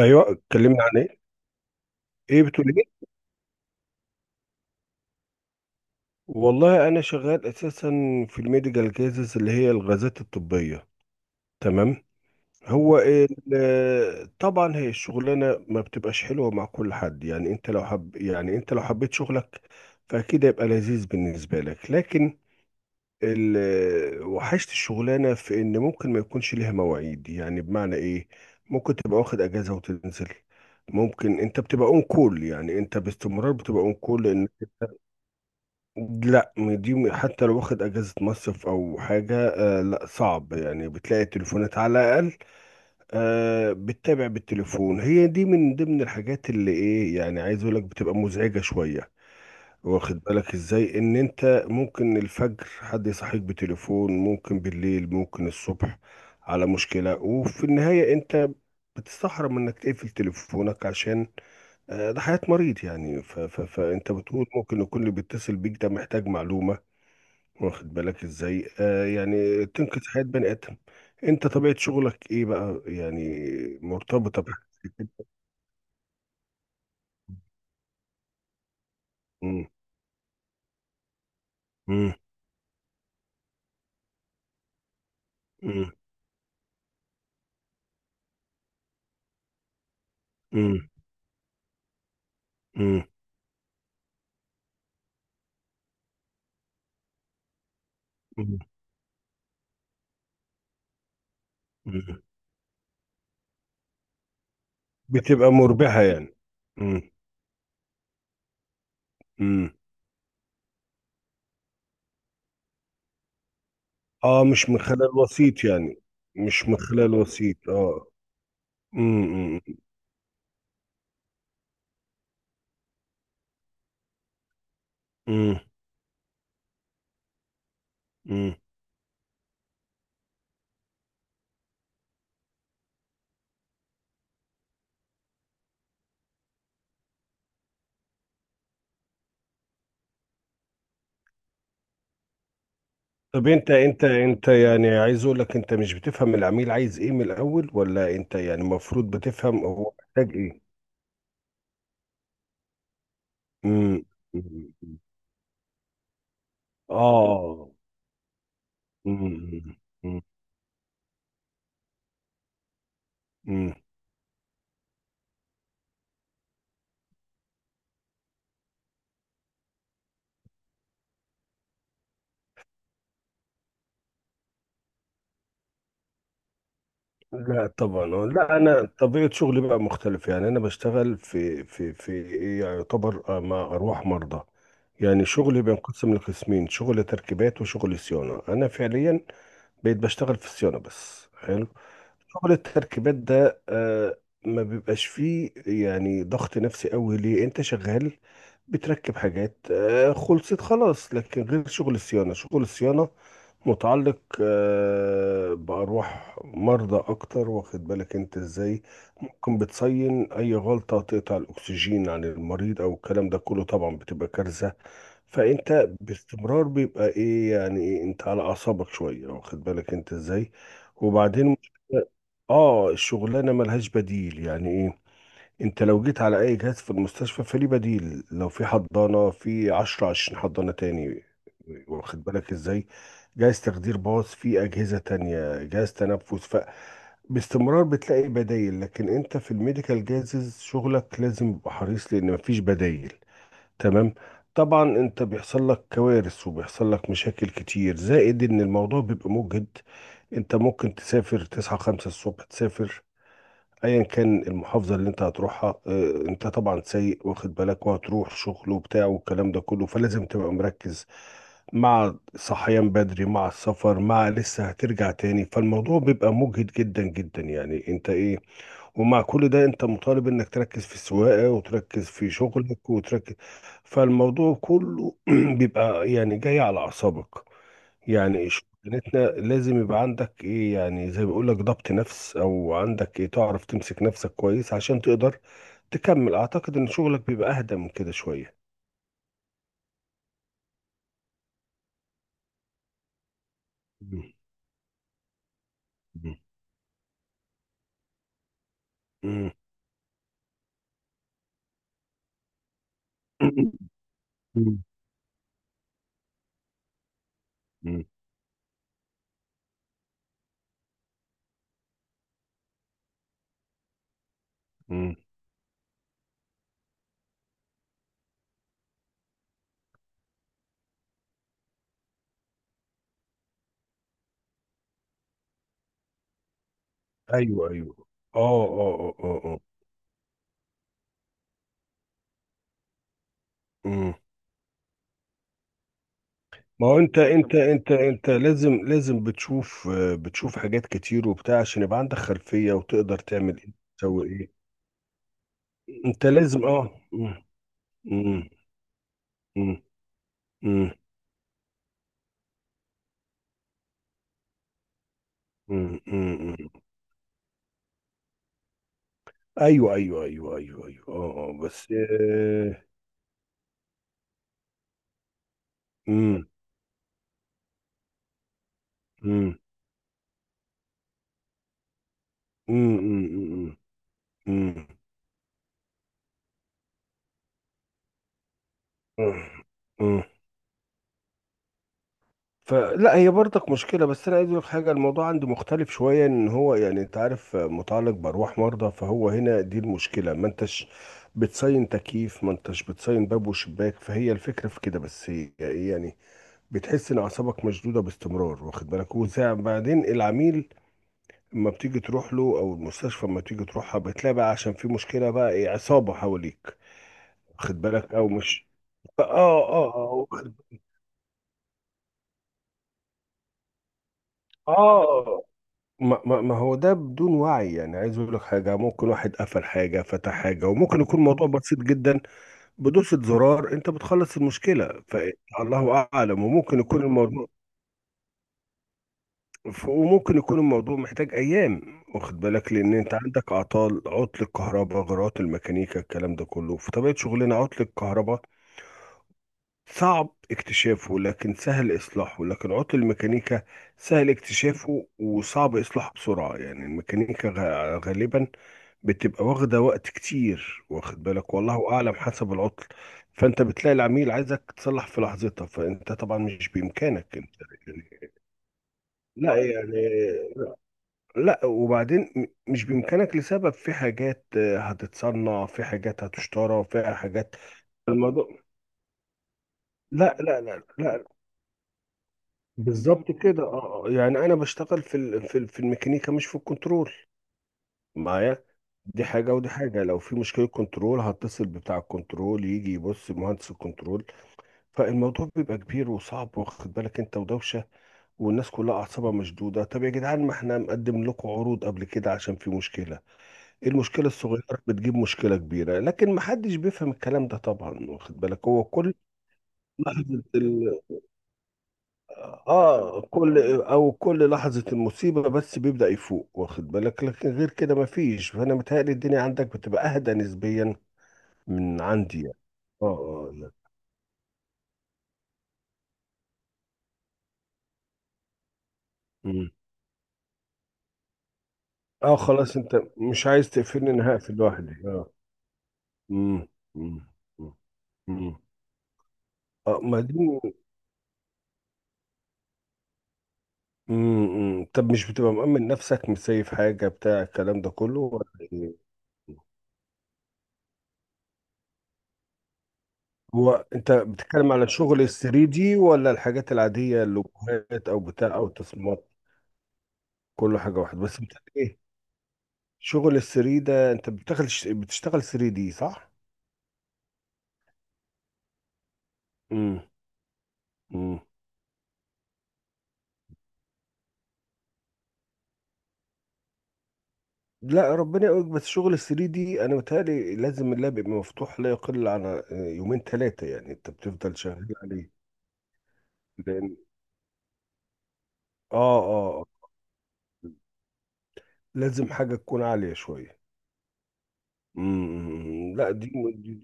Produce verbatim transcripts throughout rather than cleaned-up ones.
ايوه، اتكلمنا عن ايه؟ ايه بتقول؟ ايه؟ والله انا شغال اساسا في الميديكال كيسز اللي هي الغازات الطبيه. تمام. هو ال- طبعا هي الشغلانه ما بتبقاش حلوه مع كل حد، يعني انت لو حب، يعني انت لو حبيت شغلك فاكيد هيبقى لذيذ بالنسبه لك. لكن ال- وحشت الشغلانه في ان ممكن ما يكونش ليها مواعيد. يعني بمعنى ايه؟ ممكن تبقى واخد اجازه وتنزل، ممكن انت بتبقى اون كول. يعني انت باستمرار بتبقى اون كول. لا، دي حتى لو واخد اجازه مصيف او حاجه، آه، لا، صعب. يعني بتلاقي التليفونات على الاقل، آه، بتتابع بالتليفون. هي دي من ضمن الحاجات اللي ايه، يعني عايز اقول لك، بتبقى مزعجه شويه. واخد بالك ازاي؟ ان انت ممكن الفجر حد يصحيك بتليفون، ممكن بالليل، ممكن الصبح، على مشكله. وفي النهايه انت بتستحرم انك تقفل تليفونك، عشان آه، ده حياة مريض يعني. ف ف فانت بتقول ممكن يكون اللي بيتصل بيك ده محتاج معلومة. واخد بالك ازاي؟ آه، يعني تنقذ حياة بني آدم. انت طبيعة شغلك ايه بقى يعني؟ مرتبطة بحاجة زي كده. مم، مم، مم، مم، مم، مم، مم. بتبقى مربحة يعني؟ مم، مم. اه، مش من خلال وسيط يعني. مش من خلال وسيط، اه. مم، مم، مم، مم. طب انت انت انت يعني عايز اقول لك، انت مش بتفهم العميل عايز ايه من الاول، ولا انت يعني المفروض بتفهم هو محتاج ايه؟ مم. اه. مم. مم. مم. لا طبعا، آه. لا انا طبيعه شغلي بقى مختلف. يعني انا بشتغل في في في إيه، يعني يعتبر آه، مع ارواح مرضى. يعني شغلي بينقسم لقسمين: شغل تركيبات وشغل صيانه. انا فعليا بقيت بشتغل في الصيانه بس. حلو. شغل التركيبات ده آه، ما بيبقاش فيه يعني ضغط نفسي قوي. ليه؟ انت شغال بتركب حاجات، آه، خلصت خلاص. لكن غير شغل الصيانه. شغل الصيانه متعلق آه، بأرواح مرضى أكتر. واخد بالك أنت إزاي؟ ممكن بتصين أي غلطة تقطع الأكسجين عن المريض أو الكلام ده كله، طبعا بتبقى كارثة. فأنت باستمرار بيبقى إيه يعني، إيه، أنت على أعصابك شوية. واخد بالك أنت إزاي؟ وبعدين آه، الشغلانة ملهاش بديل. يعني إيه؟ انت لو جيت على اي جهاز في المستشفى فليه بديل. لو في حضانة، في عشرة عشرين حضانة تاني. واخد بالك ازاي؟ جهاز تخدير باص، في اجهزة تانية، جهاز تنفس. فباستمرار بتلاقي بدايل، لكن انت في الميديكال جازز شغلك لازم يبقى حريص لان مفيش بدايل. تمام. طبعا انت بيحصل لك كوارث وبيحصل لك مشاكل كتير، زائد ان الموضوع بيبقى مجهد. انت ممكن تسافر، تصحى خمسة الصبح، تسافر، ايا كان المحافظه اللي انت هتروحها، آه، انت طبعا سايق، واخد بالك، وهتروح شغل وبتاع والكلام ده كله، فلازم تبقى مركز. مع صحيان بدري، مع السفر، مع لسه هترجع تاني، فالموضوع بيبقى مجهد جدا جدا. يعني انت ايه، ومع كل ده انت مطالب انك تركز في السواقه وتركز في شغلك وتركز. فالموضوع كله بيبقى يعني جاي على اعصابك. يعني شغلتنا لازم يبقى عندك ايه، يعني زي ما بيقول لك ضبط نفس، او عندك ايه، تعرف تمسك نفسك كويس عشان تقدر تكمل. اعتقد ان شغلك بيبقى اهدى من كده شوية. مم. مم. مم. مم. مم. ايوه، ايوه، اه، اه، اه، اه، اه. مم. ما هو انت انت انت انت لازم لازم بتشوف آه، بتشوف حاجات كتير وبتاع عشان يبقى عندك خلفية وتقدر تعمل ايه. تسوي ايه؟ انت لازم، اه. مم. مم. مم. مم. مم، مم، مم. ايوه، ايوه، ايوه، ايوه، ايوه، اه، آه، بس آه. مم، مم، مم، مم، مم، مم، مم. فلا، هي برضك مشكله. بس انا عايز اقول لك حاجه، الموضوع عندي مختلف شويه. ان هو يعني انت عارف آه، متعلق بارواح مرضى. فهو هنا دي المشكله. ما انتش بتصين تكييف، ما انتش بتصين باب وشباك، فهي الفكره في كده بس. يعني بتحس ان اعصابك مشدوده باستمرار، واخد بالك. وبعدين العميل ما بتيجي تروح له او المستشفى ما بتيجي تروحها، بتلاقي بقى، عشان في مشكله بقى، ايه، عصابه حواليك. واخد بالك او مش؟ اه، اه، اه، واخد- اه. ما, ما, ما هو ده بدون وعي. يعني عايز اقول لك حاجه، ممكن واحد قفل حاجه فتح حاجه، وممكن يكون موضوع بسيط جدا بدوسه زرار انت بتخلص المشكله، فالله اعلم. وممكن يكون الموضوع ف- وممكن يكون الموضوع محتاج ايام. واخد بالك؟ لان انت عندك اعطال: عطل الكهرباء، غرات الميكانيكا، الكلام ده كله في طبيعه شغلنا. عطل الكهرباء صعب اكتشافه لكن سهل إصلاحه، لكن عطل الميكانيكا سهل اكتشافه وصعب إصلاحه بسرعة. يعني الميكانيكا غ- غالبا بتبقى واخدة وقت كتير، واخد بالك، والله أعلم حسب العطل. فأنت بتلاقي العميل عايزك تصلح في لحظتها، فأنت طبعا مش بإمكانك أنت يعني. لا يعني، لا. وبعدين م- مش بإمكانك لسبب، في حاجات آه، هتتصنع، في حاجات هتشترى، في حاجات. الموضوع، لا لا لا لا. بالظبط كده، اه، آه. يعني انا بشتغل في ال- في ال- في الميكانيكا، مش في الكنترول. معايا. دي حاجه ودي حاجه. لو في مشكله كنترول هتصل بتاع الكنترول، يجي يبص مهندس الكنترول. فالموضوع بيبقى كبير وصعب، واخد بالك انت ودوشه والناس كلها اعصابها مشدوده. طب يا جدعان، ما احنا مقدم لكم عروض قبل كده عشان في مشكله. المشكله الصغيره بتجيب مشكله كبيره، لكن ما حدش بيفهم الكلام ده طبعا. واخد بالك؟ هو كل لحظه، اه، كل او كل لحظة المصيبة بس بيبدأ يفوق، واخد بالك. لكن غير كده مفيش، فانا متهيألي الدنيا عندك بتبقى اهدى نسبيا من عندي يعني. اه، اه، لا. مم. اه خلاص انت مش عايز تقفلني، انا هقفل لوحدي، اه. مم. مم. مم. مم. اه، ما دي. مم. مم. طب مش بتبقى مأمن نفسك، مسيف حاجة بتاع الكلام ده كله ولا ايه؟ هو انت بتتكلم على شغل 3 دي ولا الحاجات العادية، اللوجوهات او بتاع او تصميمات؟ كله حاجه واحده بس بتاع ايه؟ شغل الثري ده، انت بتشتغل بتشتغل 3 دي صح؟ امم. امم. لا ربنا يقولك، بس شغل الثري دي انا متهيألي لازم اللاب يبقى مفتوح لا يقل عن آه، يومين ثلاثه، يعني انت بتفضل شغال عليه. لان اه، اه، آه. لازم حاجه تكون عاليه شويه. امم. لا دي, دي, دي.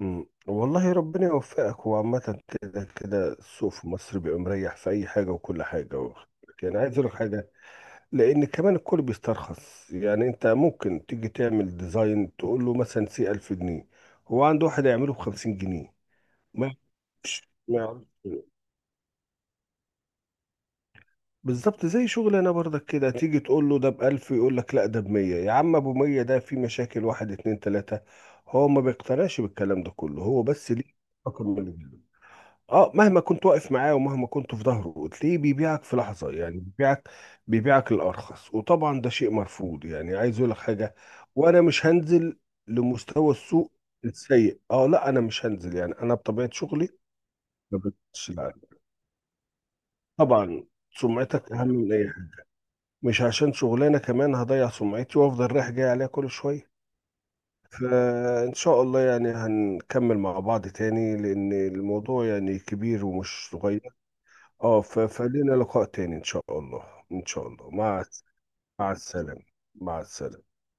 امم، والله ربنا يوفقك. وعامة كده كده السوق في مصر بيبقى مريح في أي حاجة وكل حاجة. واخد بالك؟ يعني عايز أقول لك حاجة، لان كمان الكل بيسترخص. يعني انت ممكن تيجي تعمل ديزاين تقول له مثلا سي ألف جنيه، هو عنده واحد يعمله ب خمسين جنيه. ما يعرفش. ما يعرفش. بالظبط زي شغل انا برضك كده. تيجي تقول له ده ب ألف يقول لك لا ده ب ميه. يا عم ابو ميه ده في مشاكل واحد اتنين تلاته، هو ما بيقتنعش بالكلام ده كله. هو بس ليه رقم من الجنيه. اه مهما كنت واقف معاه ومهما كنت في ظهره، تلاقيه بيبيعك في لحظة. يعني بيبيعك، بيبيعك الأرخص. وطبعا ده شيء مرفوض. يعني عايز اقول لك حاجة، وانا مش هنزل لمستوى السوق السيء. اه، لا انا مش هنزل. يعني انا بطبيعة شغلي ما بقتش- لا، طبعا سمعتك اهم من اي حاجة. مش عشان شغلانة كمان هضيع سمعتي وافضل رايح جاي عليها كل شوية. فإن شاء الله يعني هنكمل مع بعض تاني، لأن الموضوع يعني كبير ومش صغير. اه، ف- فلينا لقاء تاني ان شاء الله. ان شاء الله. مع مع السلامة. مع السلامة.